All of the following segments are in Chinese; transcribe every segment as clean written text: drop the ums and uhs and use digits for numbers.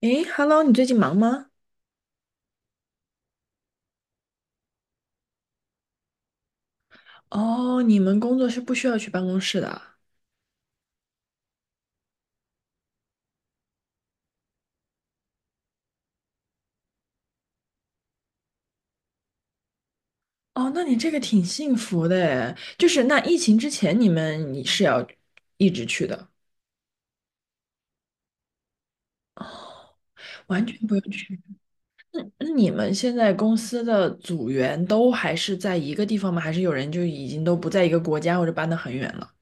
诶，Hello，你最近忙吗？哦，你们工作是不需要去办公室的啊哦，那你这个挺幸福的诶，就是那疫情之前你是要一直去的，完全不用去。那你们现在公司的组员都还是在一个地方吗？还是有人就已经都不在一个国家或者搬得很远了？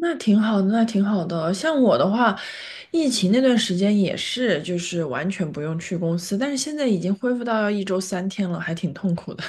那挺好的，那挺好的。像我的话，疫情那段时间也是，就是完全不用去公司，但是现在已经恢复到要一周三天了，还挺痛苦的。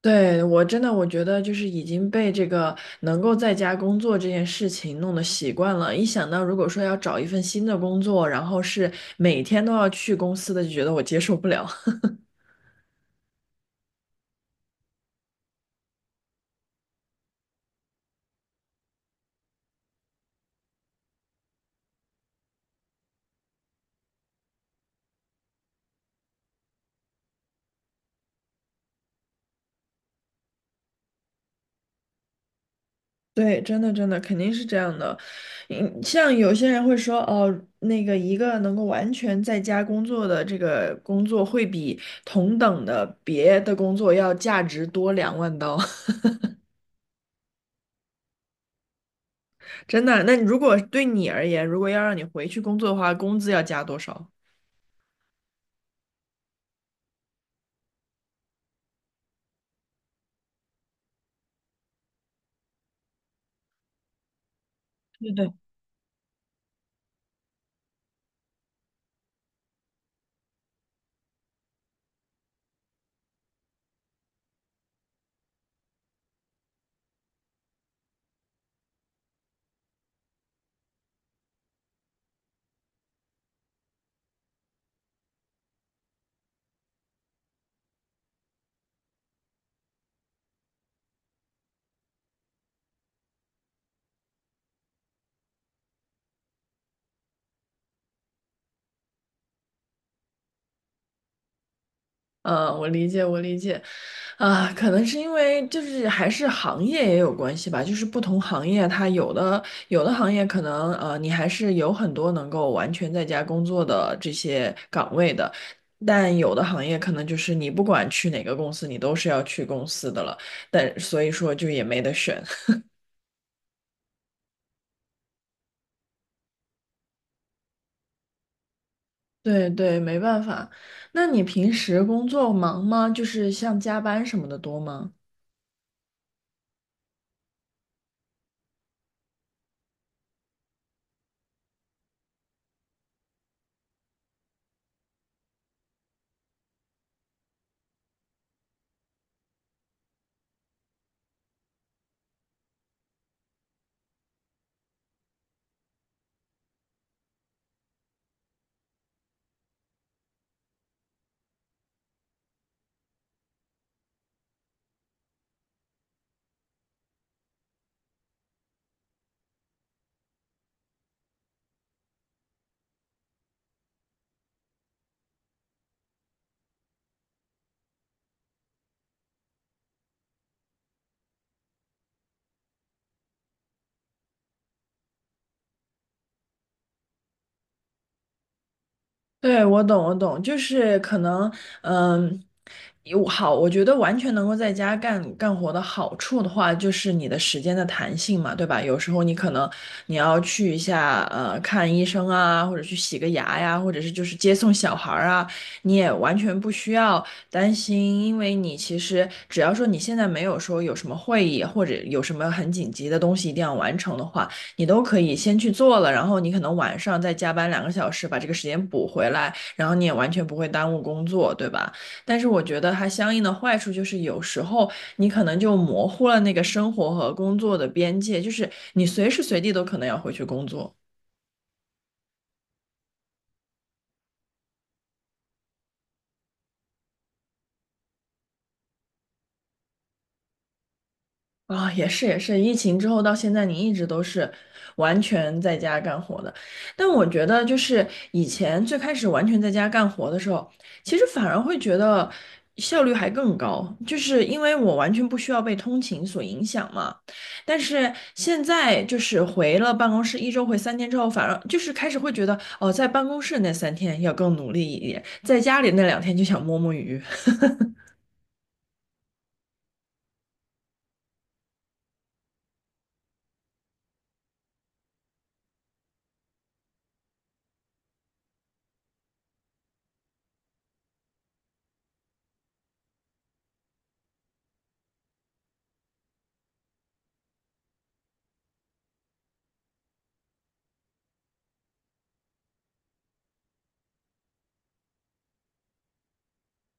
对，我真的我觉得就是已经被这个能够在家工作这件事情弄得习惯了，一想到如果说要找一份新的工作，然后是每天都要去公司的，就觉得我接受不了。对，真的真的肯定是这样的。嗯，像有些人会说，哦，那个一个能够完全在家工作的这个工作，会比同等的别的工作要价值多2万刀。真的，那如果对你而言，如果要让你回去工作的话，工资要加多少？对对。嗯，我理解，我理解，啊，可能是因为就是还是行业也有关系吧，就是不同行业它有的行业可能你还是有很多能够完全在家工作的这些岗位的，但有的行业可能就是你不管去哪个公司，你都是要去公司的了，但所以说就也没得选。对对，没办法。那你平时工作忙吗？就是像加班什么的多吗？对，我懂，我懂，就是可能，嗯，有好，我觉得完全能够在家干活的好处的话，就是你的时间的弹性嘛，对吧？有时候你可能你要去一下，看医生啊，或者去洗个牙呀，或者是就是接送小孩儿啊，你也完全不需要担心，因为你其实只要说你现在没有说有什么会议或者有什么很紧急的东西一定要完成的话。你都可以先去做了，然后你可能晚上再加班2个小时把这个时间补回来，然后你也完全不会耽误工作，对吧？但是我觉得它相应的坏处就是有时候你可能就模糊了那个生活和工作的边界，就是你随时随地都可能要回去工作。啊、也是也是，疫情之后到现在，你一直都是完全在家干活的。但我觉得，就是以前最开始完全在家干活的时候，其实反而会觉得效率还更高，就是因为我完全不需要被通勤所影响嘛。但是现在就是回了办公室，一周回三天之后，反而就是开始会觉得，哦，在办公室那三天要更努力一点，在家里那2天就想摸摸鱼。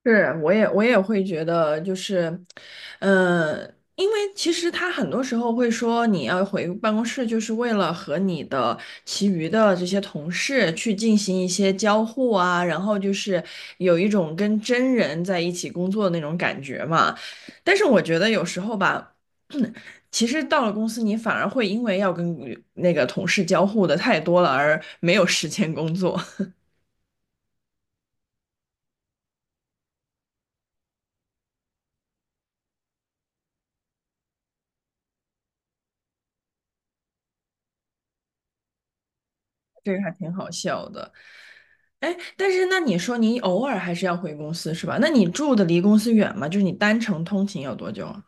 是，我也会觉得，就是，呃，因为其实他很多时候会说，你要回办公室，就是为了和你的其余的这些同事去进行一些交互啊，然后就是有一种跟真人在一起工作的那种感觉嘛。但是我觉得有时候吧，其实到了公司，你反而会因为要跟那个同事交互的太多了，而没有时间工作，这个还挺好笑的。哎，但是那你说你偶尔还是要回公司是吧？那你住的离公司远吗？就是你单程通勤有多久啊？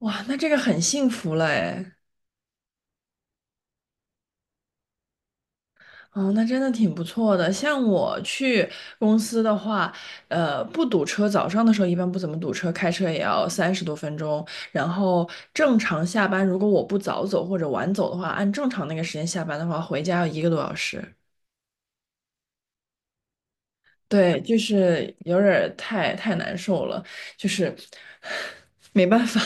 哇，那这个很幸福了哎。哦，那真的挺不错的。像我去公司的话，不堵车，早上的时候一般不怎么堵车，开车也要30多分钟。然后正常下班，如果我不早走或者晚走的话，按正常那个时间下班的话，回家要一个多小时。对，就是有点儿太难受了，就是没办法，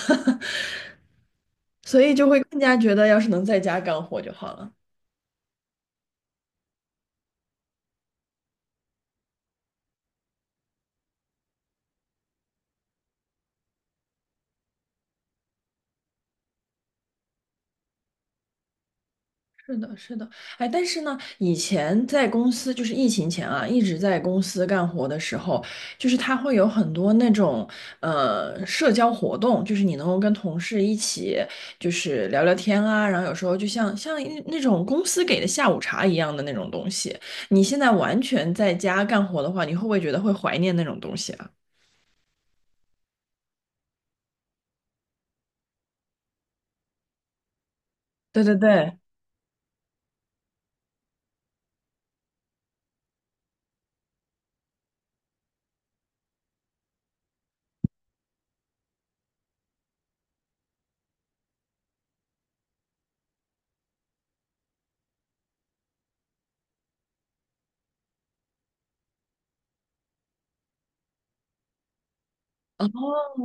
所以就会更加觉得要是能在家干活就好了。是的，是的，哎，但是呢，以前在公司，就是疫情前啊，一直在公司干活的时候，就是他会有很多那种社交活动，就是你能够跟同事一起就是聊聊天啊，然后有时候就像一那种公司给的下午茶一样的那种东西。你现在完全在家干活的话，你会不会觉得会怀念那种东西啊？对对对，哦，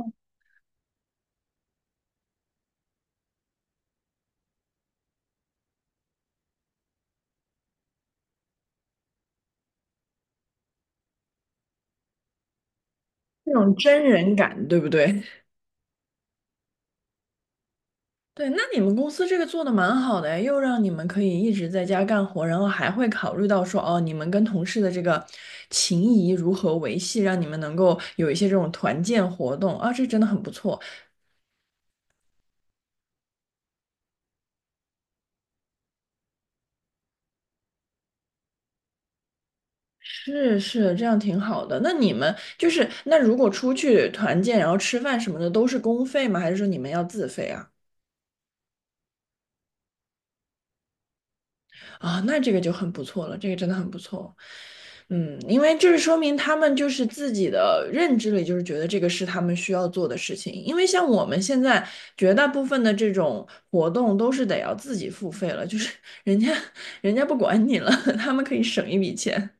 那种真人感，对不对？对，那你们公司这个做的蛮好的诶，又让你们可以一直在家干活，然后还会考虑到说，哦，你们跟同事的这个情谊如何维系，让你们能够有一些这种团建活动啊，这真的很不错。是是，这样挺好的。那你们就是，那如果出去团建，然后吃饭什么的，都是公费吗？还是说你们要自费啊？啊，那这个就很不错了，这个真的很不错。嗯，因为这是说明他们就是自己的认知里，就是觉得这个是他们需要做的事情。因为像我们现在绝大部分的这种活动都是得要自己付费了，就是 人家人家不管你了，他们可以省一笔钱。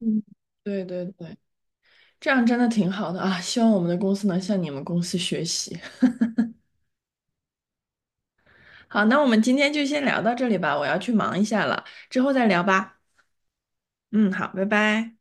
嗯，对对对，这样真的挺好的啊！希望我们的公司能向你们公司学习。好，那我们今天就先聊到这里吧，我要去忙一下了，之后再聊吧。嗯，好，拜拜。